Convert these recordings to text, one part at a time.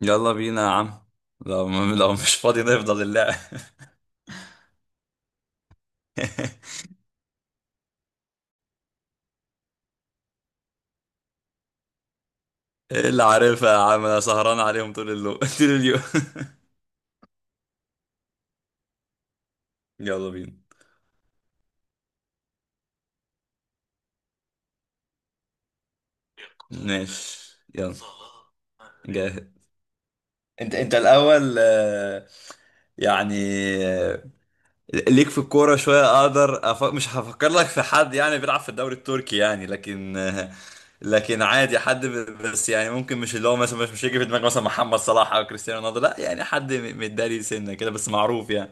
يلا بينا يا عم. لو لو مش فاضي نفضل اللعب. ايه اللي عارفها يا عم، انا سهران عليهم طول طول اليوم. يلا بينا. ماشي يلا، جاهز. انت الاول، يعني آه، ليك في الكوره شويه، اقدر مش هفكر لك في حد يعني بيلعب في الدوري التركي يعني، لكن لكن عادي حد بس يعني ممكن مش اللي هو مثلا، مش هيجي في دماغك مثلا محمد صلاح او كريستيانو رونالدو، لا يعني حد متداري سنه كده بس معروف يعني.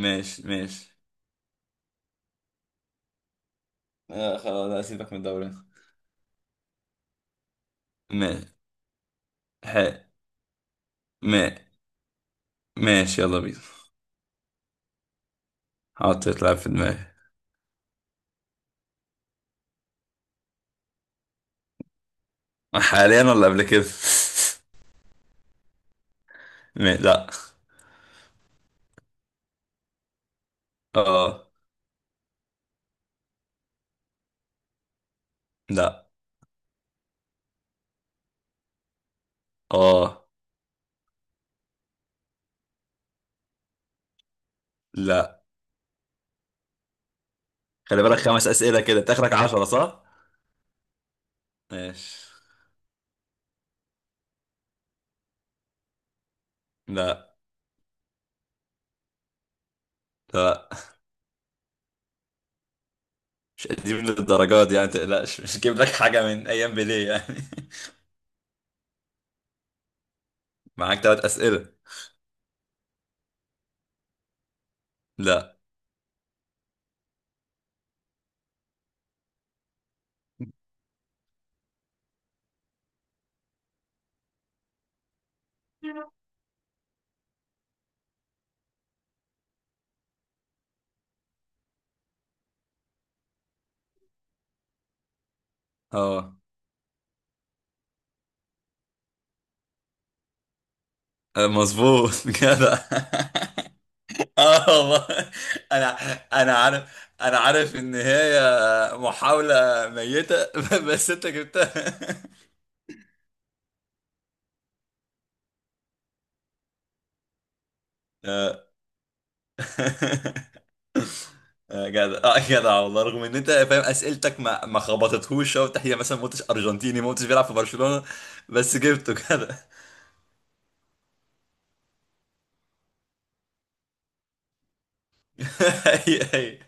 ماشي ماشي. آه خلاص، لا سيبك من الدوري. ماشي. ح ما ماشي يلا بينا. حطيت لعب في دماغي. حاليا ولا قبل كده؟ ما... لا. اه. لا. اه. لا. خلي بالك، 5 أسئلة كده تاخرك 10، صح؟ ماشي. لا. لا، مش قديم للدرجات دي يعني، تقلقش مش جيب لك حاجة من أيام بيليه يعني. معاك 3 أسئلة. لا. اه. مظبوط كده. اه والله. انا، انا عارف ان هي محاولة ميتة بس انت جبتها. آه. آه، جدع، اه جدع والله، رغم ان انت فاهم اسئلتك ما خبطتهوش شوط، هي مثلا ما قلتش ارجنتيني، ما قلتش بيلعب في برشلونة، بس جبته جدع. هي هي.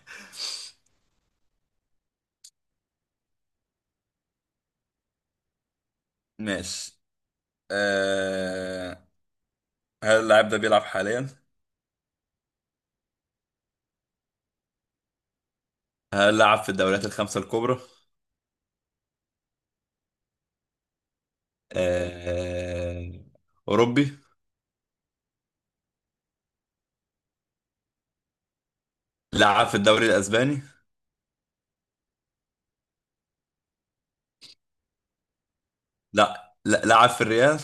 ماشي. آه. هل اللاعب ده بيلعب حاليا؟ هل لعب في الدوريات الخمسة الكبرى؟ آه. أوروبي؟ لعب في الدوري الأسباني؟ لا لا، لعب في الريال.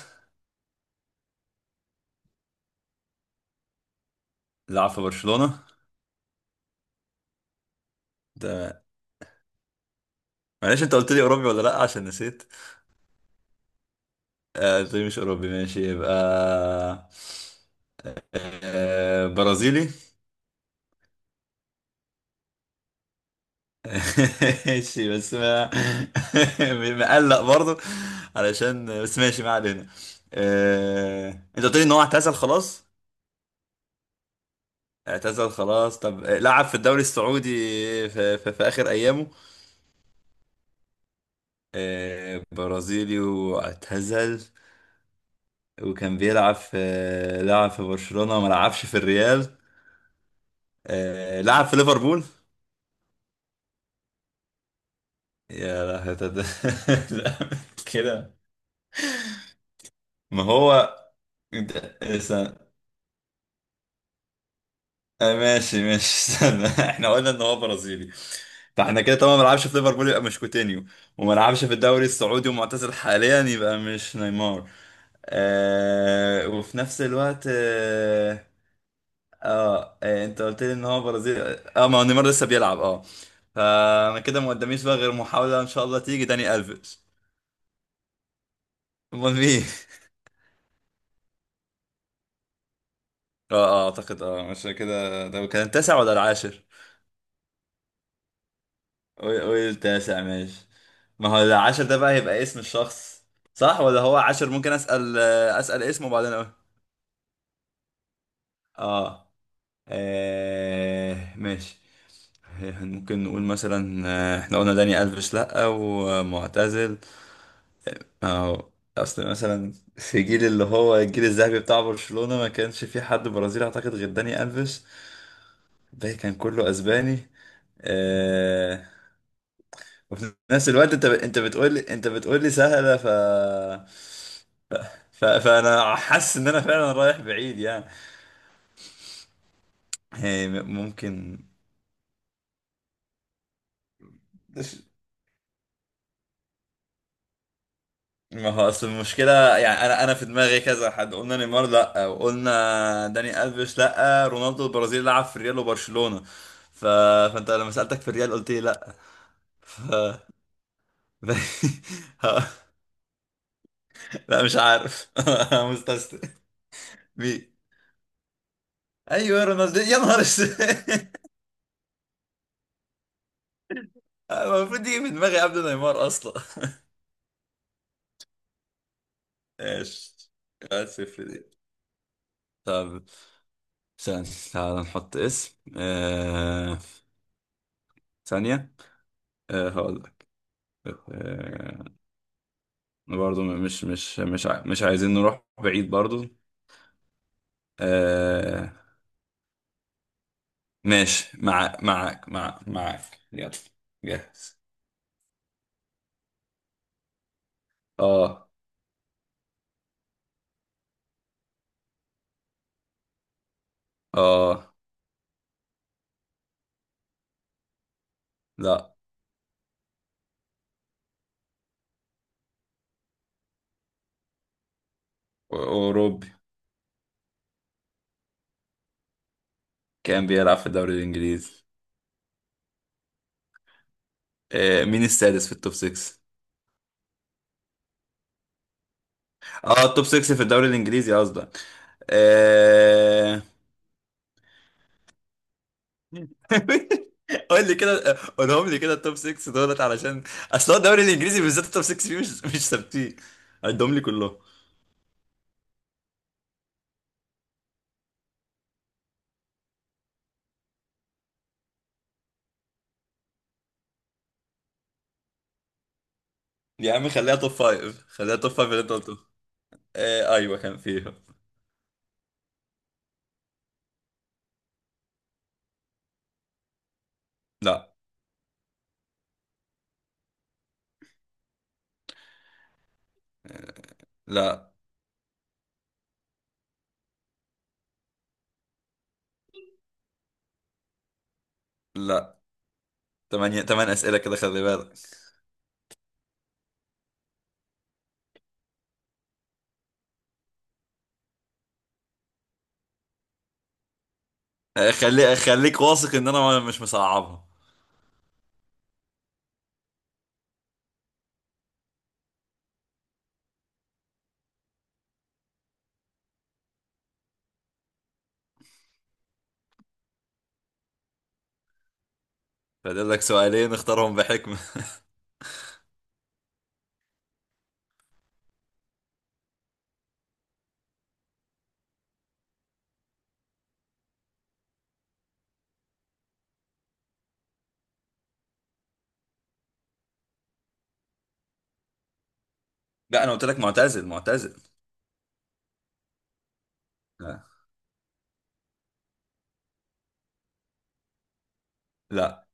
لعب في برشلونة. ده، معلش انت قلت لي اوروبي ولا لا، عشان نسيت. آه، قلت لي مش اوروبي، ماشي، يبقى آه، برازيلي. ماشي بس ما، مقلق برضه، علشان بس ماشي، ما علينا. آه، انت قلت لي ان هو اعتزل خلاص. اعتزل خلاص، طب آه، لعب في الدوري السعودي في اخر ايامه؟ آه، برازيلي واعتزل، وكان بيلعب في، لعب في برشلونة، ما لعبش في الريال، آه، لعب في ليفربول. يا لهوي، لا كده، ما هو، استنى. آه، ماشي ماشي استنى، احنا قلنا ان هو برازيلي، فاحنا كده طبعا ما لعبش في ليفربول، يبقى مش كوتينيو، وما لعبش في الدوري السعودي ومعتزل حاليا، يبقى مش نيمار. آه، وفي نفس الوقت آه. اه إيه، انت قلت لي ان هو برازيل. اه، ما هو نيمار لسه بيلعب اه. فانا كده ما قداميش بقى غير محاولة ان شاء الله تيجي داني الفيش. امال مين؟ اه اه اعتقد اه مش كده، ده كان التاسع ولا العاشر؟ قول التاسع، ماشي. ما هو العاشر ده بقى هيبقى اسم الشخص، صح؟ ولا هو عاشر ممكن اسأل آه، اسأل اسمه بعدين اقول. اه. آه، ماشي. ممكن نقول مثلا آه، احنا قلنا داني الفيش لا ومعتزل. اه. اصل مثلا في جيل اللي هو الجيل الذهبي بتاع برشلونة ما كانش في حد برازيلي اعتقد غير داني الفيش، باقي كان كله اسباني. آه. وفي نفس الوقت انت بتقول لي، بتقول لي سهلة، ف فانا حاسس ان انا فعلا رايح بعيد يعني. هي ممكن. ما هو اصل المشكلة، يعني انا في دماغي كذا حد، قلنا نيمار لا، وقلنا داني الفيش لا، رونالدو البرازيلي لعب في ريال وبرشلونة، ف... فانت لما سألتك في الريال قلت لي لا. ف... ها- لا مش عارف، مستسلم. مين؟ ايوه رونالدو، يا نهار اسود. المفروض يجي من دماغي قبل نيمار اصلا. ايش؟ واحد صفر دي. طب، ثانية تعال نحط اسم آه... ثانية. آه هقول لك. آه... برضو مش مش عايزين نروح بعيد برضو. آه... ماشي معاك معاك يلا. جاهز. اه. اه. لا. أوروبي. كان بيلعب في الدوري الإنجليزي. آه، مين السادس في التوب 6؟ اه، التوب 6 في الدوري الإنجليزي قصدك؟ آه... قول لي كده، قولهم لي كده التوب 6 دولت علشان، اصل هو الدوري الانجليزي بالذات التوب 6 فيه مش ثابتين. عدهم لي كلهم. يا عم خليها توب 5، خليها توب 5 اللي انت قلته. آه ايوه كان فيها. لا. لا. لا. تمانية، تمن اسئله كده خلي بالك. آه، خلي خليك واثق ان انا مش مصعبها. فاضل لك سؤالين، اختارهم بحكمة. لا انا قلت لك معتزل معتزل. لا. لا،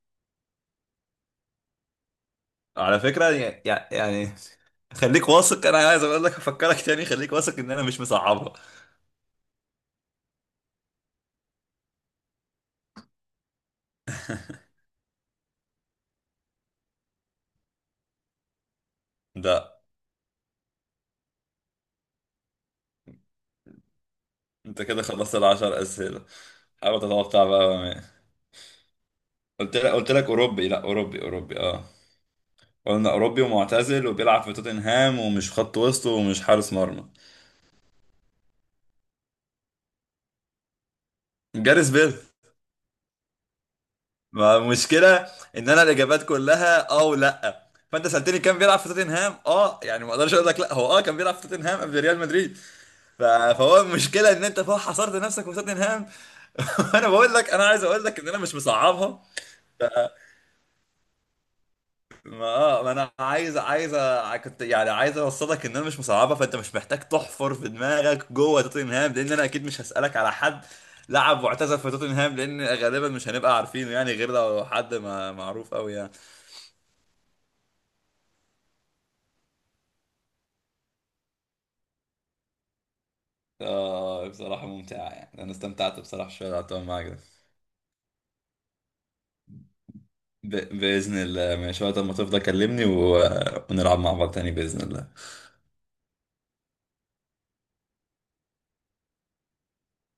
على فكرة يعني، يعني خليك واثق، انا عايز اقول لك افكرك تاني، خليك واثق ان انا مش مصعبها. لا. انت كده خلصت الـ10 اسئلة، حاول تتوقع بقى قلت لك اوروبي، لا اوروبي اوروبي اه. قلنا اوروبي ومعتزل وبيلعب في توتنهام ومش خط وسط ومش حارس مرمى. جاريس بيل. ما المشكلة ان انا الاجابات كلها اه ولا آه. فانت سألتني كان بيلعب في توتنهام، اه يعني ما اقدرش اقول لك لا، هو اه كان بيلعب في توتنهام قبل ريال مدريد. فهو المشكلة ان انت فوق حصرت نفسك في توتنهام، وانا بقول لك انا عايز اقول لك ان انا مش مصعبها. ما انا عايز كنت يعني عايز اوصلك ان انا مش مصعبها، فانت مش محتاج تحفر في دماغك جوه توتنهام، لان انا اكيد مش هسألك على حد لعب واعتزل في توتنهام، لان غالبا مش هنبقى عارفينه يعني، غير لو حد ما معروف قوي يعني. آه بصراحة ممتعة يعني، أنا استمتعت بصراحة شوية العطاء معاك ده. ب... بإذن الله ماشي، وقت ما تفضى كلمني ونلعب مع بعض تاني بإذن الله.